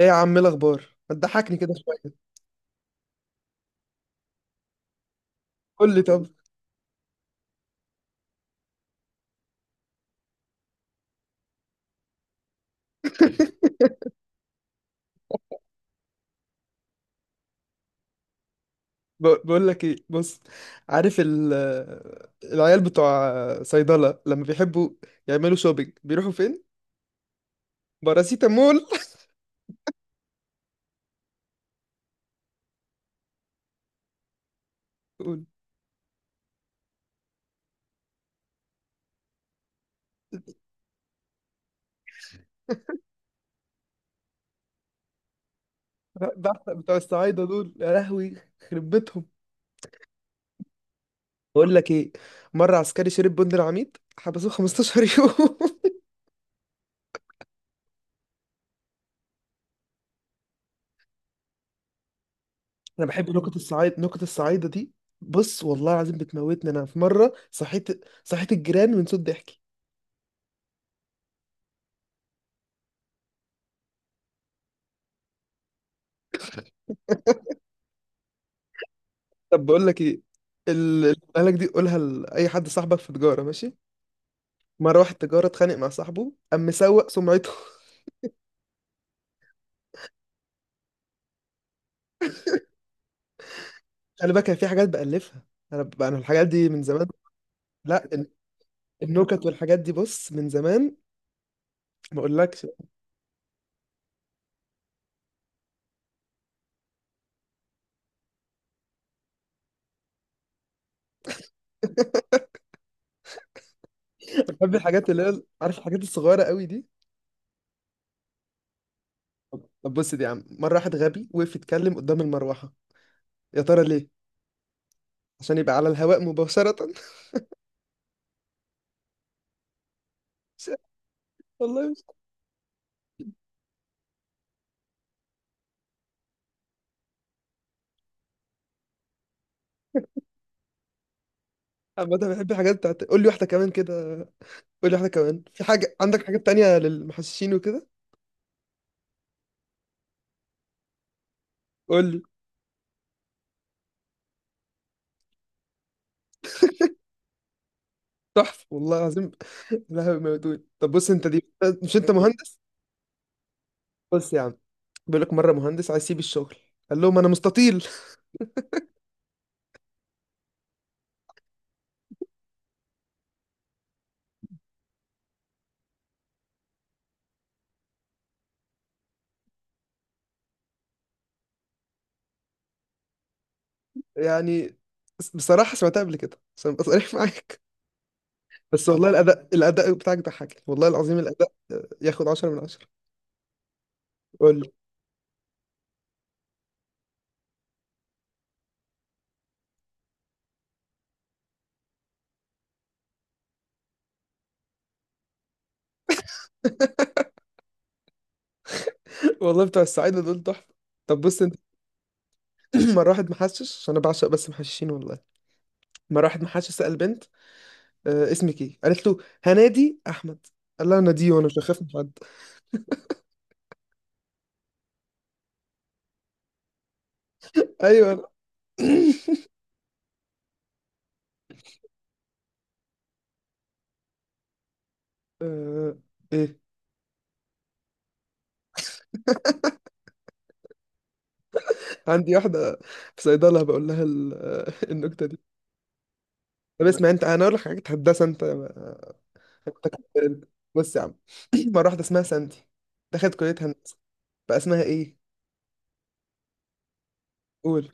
ايه يا عم، إيه الاخبار؟ ما تضحكني كده شويه. قول لي طب. بقول لك ايه، بص. عارف العيال بتوع صيدله لما بيحبوا يعملوا شوبينج بيروحوا فين؟ باراسيتامول. قول. بتوع الصعايده دول، يا لهوي، يخرب بيتهم. بقول لك ايه، مره عسكري شرب بند العميد حبسوه 15 يوم. انا بحب نكت الصعايد، نكت الصعايده دي. بص والله العظيم بتموتني. انا في مره صحيت الجيران من صوت ضحك. طب بقول لك ايه، اللي قالك دي قولها لاي حد صاحبك في تجاره، ماشي. مره واحد تجاره اتخانق مع صاحبه قام مسوق سمعته. خلي بالك أنا في حاجات بألفها. انا الحاجات دي من زمان. لا النكت والحاجات دي، بص، من زمان. ما اقولكش. بحب الحاجات اللي هي، عارف، الحاجات الصغيره قوي دي. طب بص دي يا عم، مره واحد غبي وقف يتكلم قدام المروحه. يا ترى ليه؟ عشان يبقى على الهواء مباشره. مش عارف. والله مش. عامة بحب الحاجات بتاعت. قول لي واحده كمان كده. قول لي واحده كمان، في حاجه عندك حاجات تانية للمحششين وكده؟ قول لي. تحفه والله العظيم. لا هو موجود. طب بص انت دي، مش انت مهندس؟ بص يا عم. بيقول لك مره مهندس عايز يسيب الشغل، قال لهم انا مستطيل. يعني بصراحه سمعتها قبل كده، عشان ابقى صريح معاك. بس والله الاداء، الاداء بتاعك ضحكني والله العظيم، الاداء ياخد 10 من 10. قول لي. والله بتوع السعيده دول تحفه. طب بص انت. مره واحد محشش، عشان انا بعشق بس محششين والله. مره واحد محشش سال بنت، اسمك ايه؟ قالت له هنادي احمد. قال لها انا دي، وانا مش هخاف من حد. ايوه. آه، ايه. عندي واحدة في صيدلة بقول لها النكتة دي. طب اسمع انت، انا اقول لك حاجة هندسة انت. انت كسبان. بص يا عم. مرة واحدة اسمها ساندي دخلت كلية هندسة، بقى اسمها ايه؟ قول.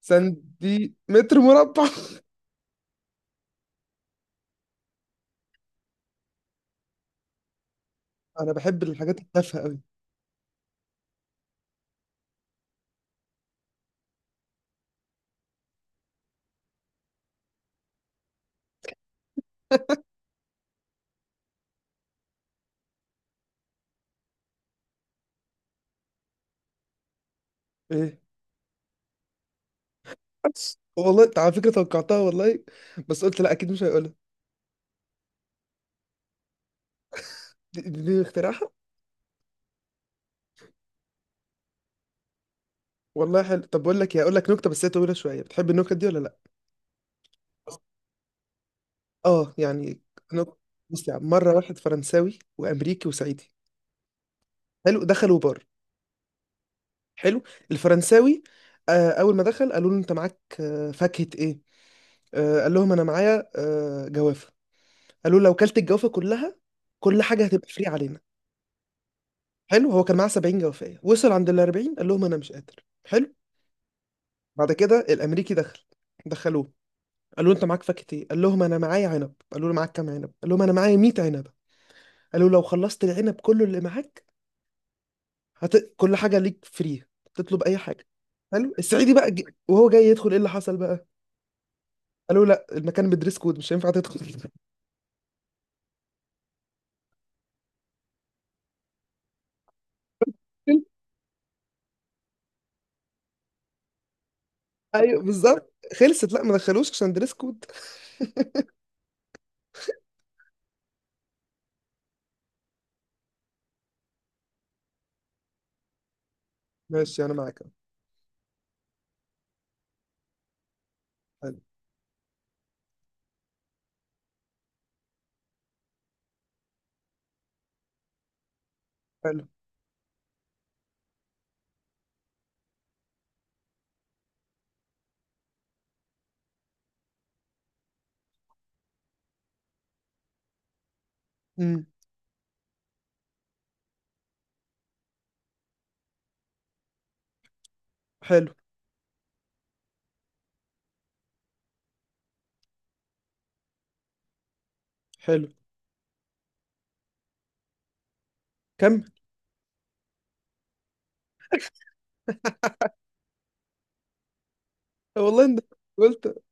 ساندي متر مربع. انا بحب الحاجات التافهة قوي. ايه؟ والله انت على فكرة توقعتها والله، بس قلت لا اكيد مش هيقولها. دي اختراعها. والله حلو. طب بقول لك ايه، اقول لك نكتة بس هي طويلة شوية، بتحب النكت دي ولا لا؟ اه يعني. نكتة. بص يا عم، مرة واحد فرنساوي وامريكي وصعيدي، حلو، دخلوا بار. حلو. الفرنساوي، اول ما دخل قالوا له انت معاك فاكهة ايه؟ قال لهم انا معايا جوافة. قالوا له لو كلت الجوافة كلها، كل حاجة هتبقى فري علينا. حلو. هو كان معاه 70 جوافية، وصل عند ال 40، قال لهم انا مش قادر. حلو. بعد كده الامريكي دخل، دخلوه، قالوا له انت معاك فاكهة ايه؟ قال لهم انا معايا عنب. قالوا له معاك كام عنب؟ قال لهم انا معايا 100 عنب. قالوا له لو خلصت العنب كله اللي معاك، كل حاجة ليك فري، تطلب اي حاجة. حلو. السعيدي بقى وهو جاي يدخل، ايه اللي حصل بقى؟ قالوا لا، المكان بدريس كود، مش هينفع تدخل. ايوه بالظبط، خلصت، لا ما دخلوش عشان دريس كود. ماشي انا معاك. حلو. حلو. امم. حلو. حلو. كم. والله انت، قلت.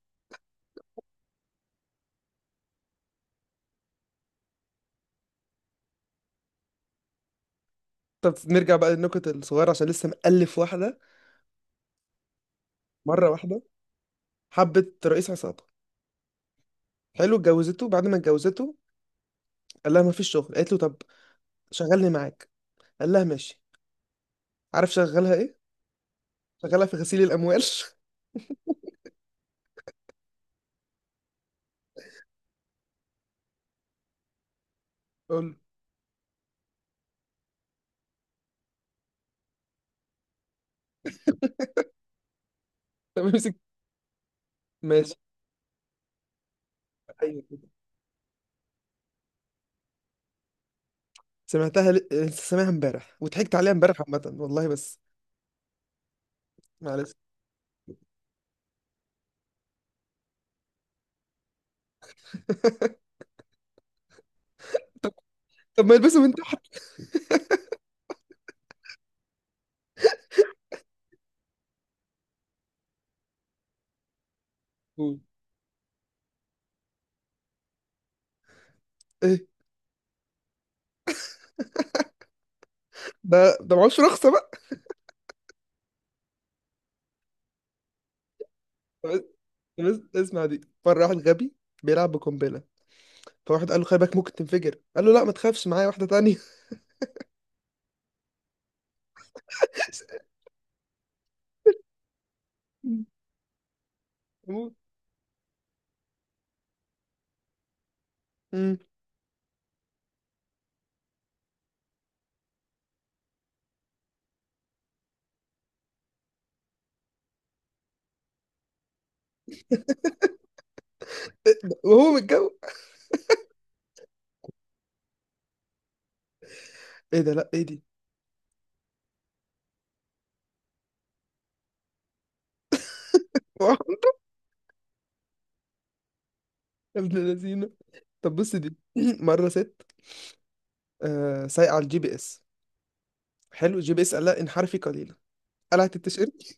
طب نرجع بقى للنكت الصغيره، عشان لسه مألف واحده. مره واحده حبت رئيس عصابه، حلو، اتجوزته. بعد ما اتجوزته قال لها ما فيش شغل. قالت له طب شغلني معاك. قال لها ماشي. عارف شغلها ايه؟ شغلها في غسيل الاموال. قول له. طب امسك. ماشي. أيوه. سمعتها لسه سامعها امبارح وضحكت عليها امبارح، عامة والله. بس معلش. طب. طب ما يلبسوا من تحت. قول. ايه ده، ده معهوش رخصة بقى. طب بس اسمع دي. مرة واحد غبي بيلعب بقنبلة، فواحد قال له خلي بالك ممكن تنفجر. قال له لا، ما تخافش، معايا واحدة تانية. أموت. أمم. وهو متجوز. ايه ده؟ لا ايه دي؟ يا ابن اللذينة. طب بص دي. مرة ست آه سايقة على الجي بي اس، حلو، الجي بي اس قال لها انحرفي قليلا، قلعت التيشيرت.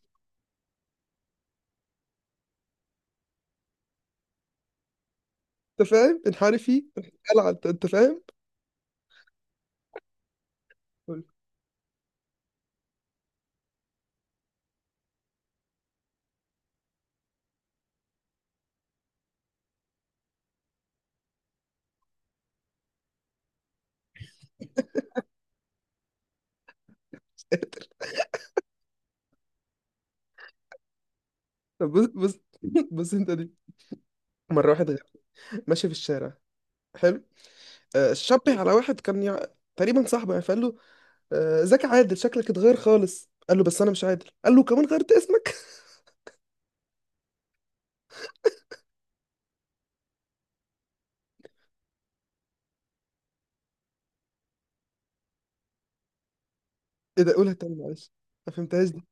انت فاهم؟ انحرفي، قلعت. انت فاهم؟ قول. طب بص، بص، بص انت دي. مره واحد ماشي في الشارع، حلو، شبه على واحد كان تقريبا صاحبه يعني، فقال له ازيك يا عادل؟ شكلك اتغير خالص. قال له بس انا مش عادل. قال له كمان غيرت اسمك؟ ايه ده؟ قولها تاني معلش، ما فهمتهاش دي، ما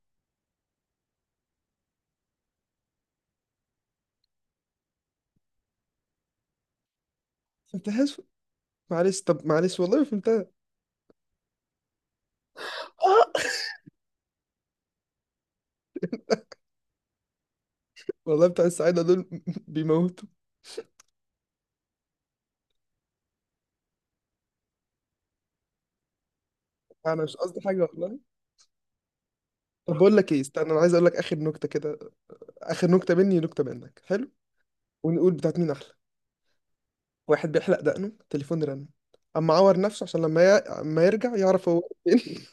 فهمتهاش معلش طب، معلش والله ما فهمتها. آه. والله بتاع السعاده دول بيموتوا. انا مش قصدي حاجه والله. طب بقول لك ايه، استنى، انا عايز اقول لك اخر نكته كده. اخر نكته مني ونكته منك، حلو، ونقول بتاعت مين احلى. واحد بيحلق دقنه، التليفون رن، اما عور نفسه عشان لما ما يرجع يعرف هو فين.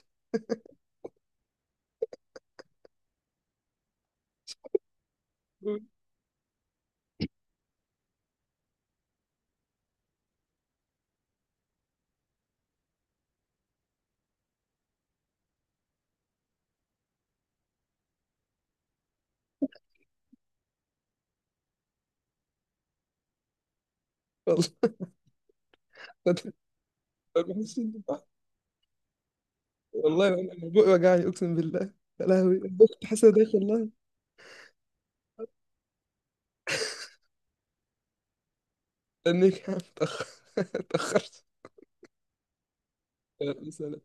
والله. بحس والله انا، أنا بقي وجعني اقسم بالله. يا لهوي، أنا كنت حاسس إن أنا داخل والله. استنيك يا عم، اتاخر. اتاخرت. يلا، سلام.